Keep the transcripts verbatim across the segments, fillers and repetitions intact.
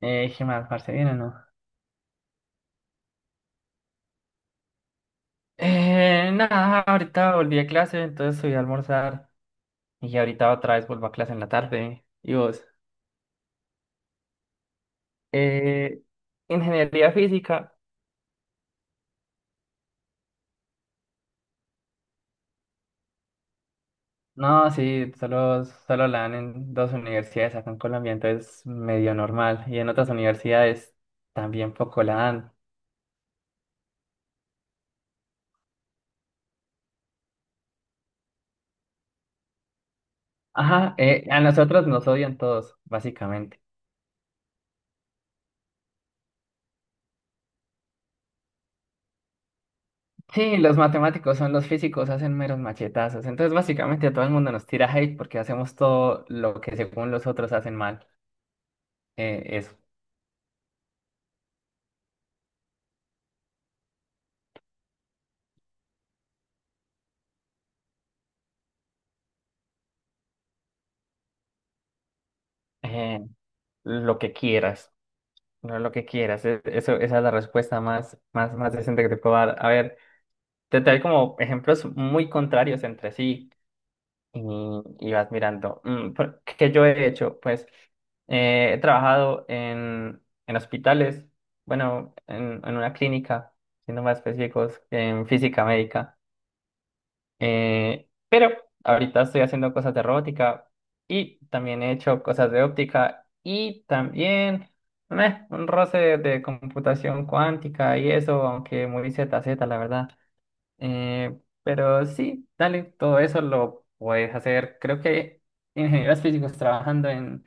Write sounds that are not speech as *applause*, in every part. Eh, ¿qué más, parce? ¿Bien o no? Eh, nada, ahorita volví a clase, entonces subí a almorzar y ahorita otra vez vuelvo a clase en la tarde. ¿Y vos? Eh, Ingeniería física. No, sí, solo, solo la dan en dos universidades acá en Colombia, entonces medio normal. Y en otras universidades también poco la dan. Ajá, eh, a nosotros nos odian todos, básicamente. Sí, los matemáticos son los físicos, hacen meros machetazos. Entonces, básicamente, todo el mundo nos tira hate porque hacemos todo lo que según los otros hacen mal. Eh, eso. Eh, lo que quieras, no lo que quieras. E- Eso, esa es la respuesta más, más, más decente que te puedo dar. A ver, te traigo como ejemplos muy contrarios entre sí, y, y vas mirando. Mm, por- ¿Qué yo he hecho? Pues eh, he trabajado en, en hospitales, bueno, en, en una clínica, siendo más específicos, en física médica. Eh, pero ahorita estoy haciendo cosas de robótica y también he hecho cosas de óptica y también meh, un roce de, de computación cuántica y eso, aunque muy doble zeta, la verdad. Eh, pero sí, dale, todo eso lo puedes hacer. Creo que ingenieros físicos trabajando en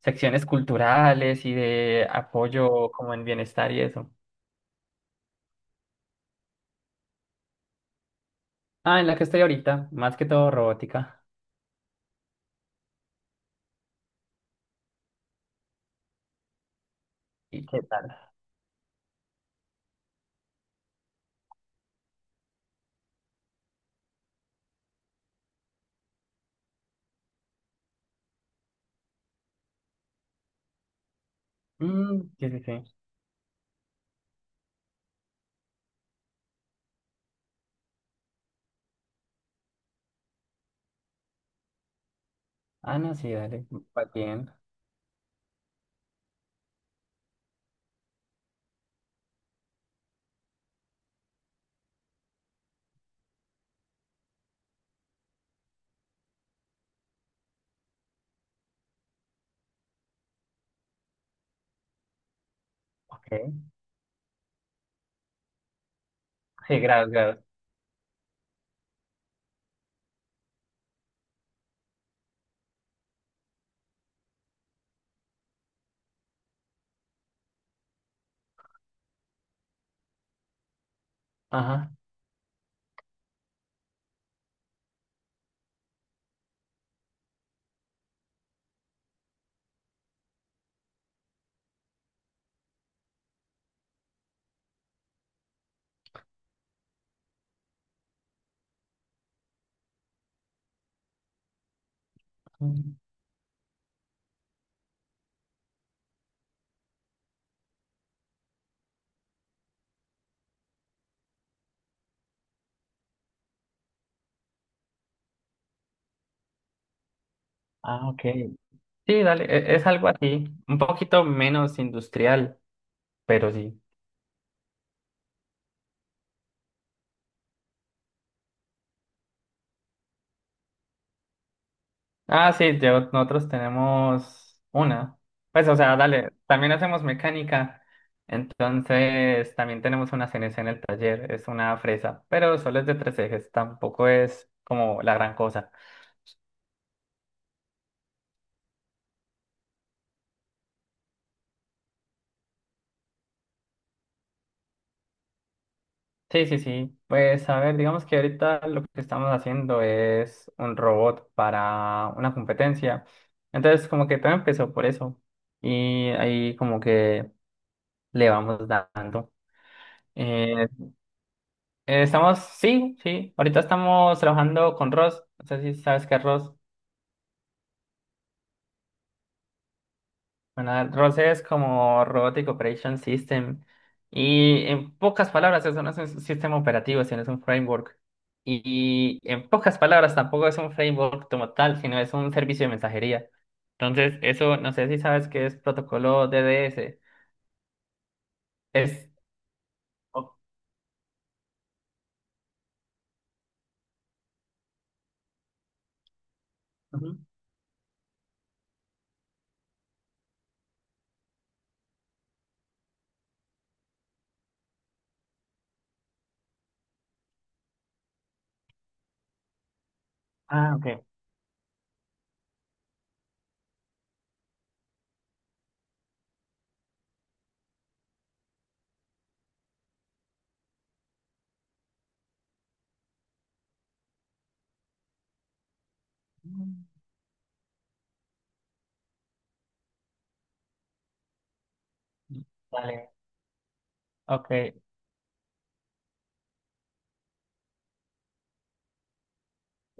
secciones culturales y de apoyo como en bienestar y eso. Ah, en la que estoy ahorita, más que todo robótica. ¿Y qué tal? Mm, sí, sí, sí. Ah, no, sí, dale, va bien. Ok. Sí, grados, grados. Ajá. Mm. Ah, ok. Sí, dale, e- es algo así, un poquito menos industrial, pero sí. Ah, sí, yo- nosotros tenemos una. Pues, o sea, dale, también hacemos mecánica, entonces también tenemos una C N C en el taller, es una fresa, pero solo es de tres ejes, tampoco es como la gran cosa. Sí, sí, sí, pues a ver, digamos que ahorita lo que estamos haciendo es un robot para una competencia, entonces como que todo empezó por eso y ahí como que le vamos dando. Eh, Eh, estamos, sí, sí. Ahorita estamos trabajando con ROS. No sé si sabes qué es ROS. Bueno, ROS es como Robotic Operation System. Y en pocas palabras, eso no es un sistema operativo, sino es un framework. Y en pocas palabras, tampoco es un framework como tal, sino es un servicio de mensajería. Entonces, eso, no sé si sabes qué es protocolo D D S. Es. o- Ujú. Ah, ok. Mm. Vale, ok.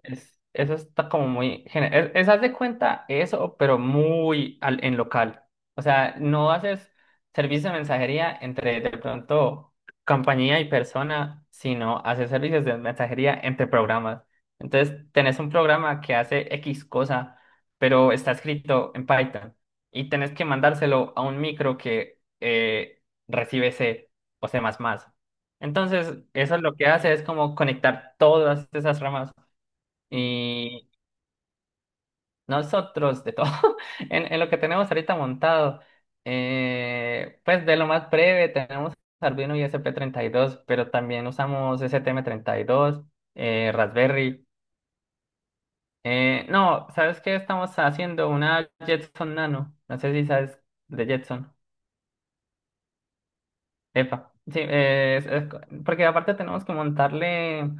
Es- eso está como muy... gene- Es, es haz de cuenta eso, pero muy al- en local. O sea, no haces servicio de mensajería entre de pronto compañía y persona, sino haces servicios de mensajería entre programas. Entonces, tenés un programa que hace X cosa, pero está escrito en Python y tenés que mandárselo a un micro que eh, recibe C o C++. Entonces, eso lo que hace es como conectar todas esas ramas y nosotros, de todo, *laughs* en, en lo que tenemos ahorita montado, eh, pues de lo más breve, tenemos Arduino y S P treinta y dos, pero también usamos S T M treinta y dos, eh, Raspberry. Eh, no, ¿sabes qué? Estamos haciendo una Jetson Nano. No sé si sabes de Jetson. Epa, sí, eh, es- es co- porque aparte tenemos que montarle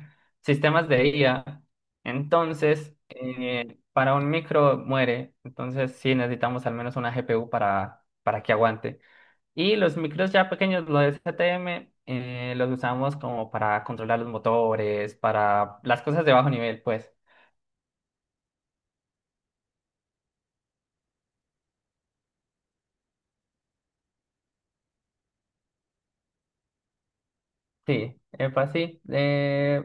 sistemas de I A. Entonces, eh, para un micro muere. Entonces, sí, necesitamos al menos una G P U para, para que aguante. Y los micros ya pequeños, los S T M, eh, los usamos como para controlar los motores, para las cosas de bajo nivel, pues. Sí, epa, sí. Eh,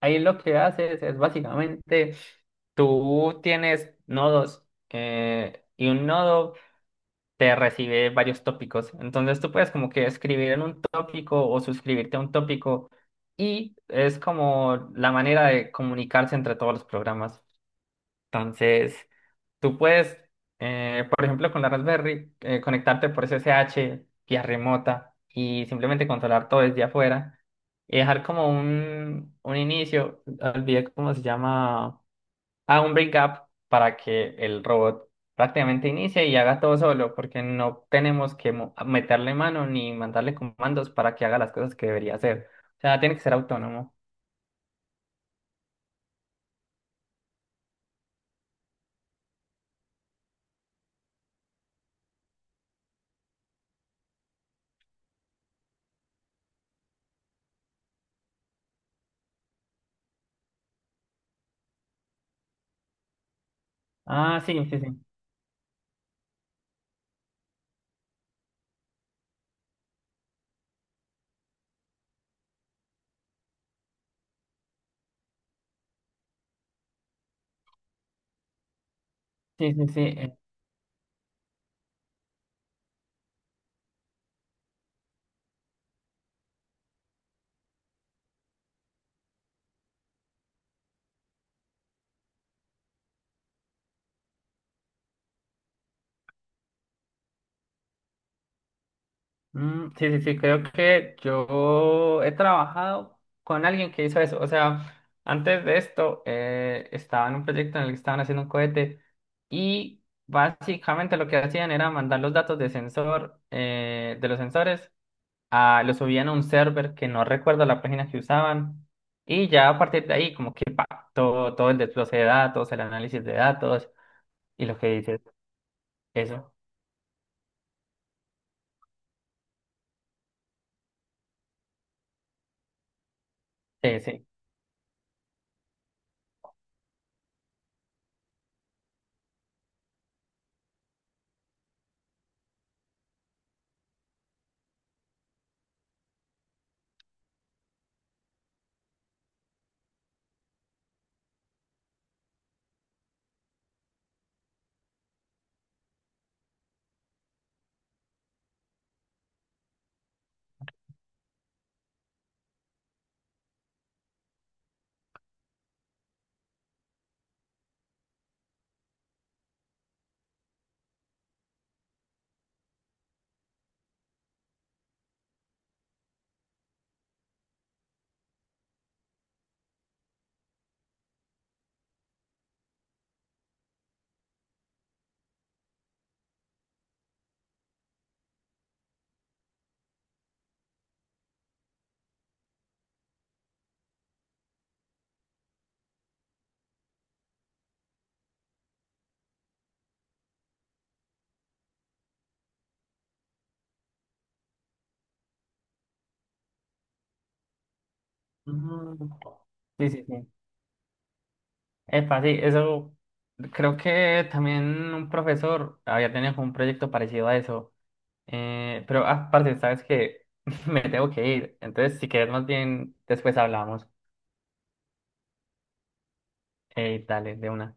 Ahí lo que haces es básicamente tú tienes nodos eh, y un nodo te recibe varios tópicos. Entonces tú puedes como que escribir en un tópico o suscribirte a un tópico y es como la manera de comunicarse entre todos los programas. Entonces... Tú puedes, eh, por ejemplo, con la Raspberry, eh, conectarte por S S H, vía remota, y simplemente controlar todo desde afuera. Y dejar como un, un inicio, olvidé cómo se llama, ah, un breakup para que el robot prácticamente inicie y haga todo solo, porque no tenemos que mo- meterle mano ni mandarle comandos para que haga las cosas que debería hacer. O sea, tiene que ser autónomo. Ah, sí, sí, sí. Sí, sí, sí. eh, Mm, sí, sí, sí, creo que yo he trabajado con alguien que hizo eso. O sea, antes de esto eh, estaba en un proyecto en el que estaban haciendo un cohete y básicamente lo que hacían era mandar los datos de sensor, eh, de los sensores, a, los subían a un server que no recuerdo la página que usaban y ya a partir de ahí como que pa, todo, todo el desglose de datos, el análisis de datos y lo que dices, eso. Sí, sí. Mm. Sí, sí, sí. Epa, sí, eso creo que también un profesor había tenido como un proyecto parecido a eso. Eh, pero aparte, sabes que *laughs* me tengo que ir. Entonces, si quieres, más bien después hablamos. Eh, dale, de una.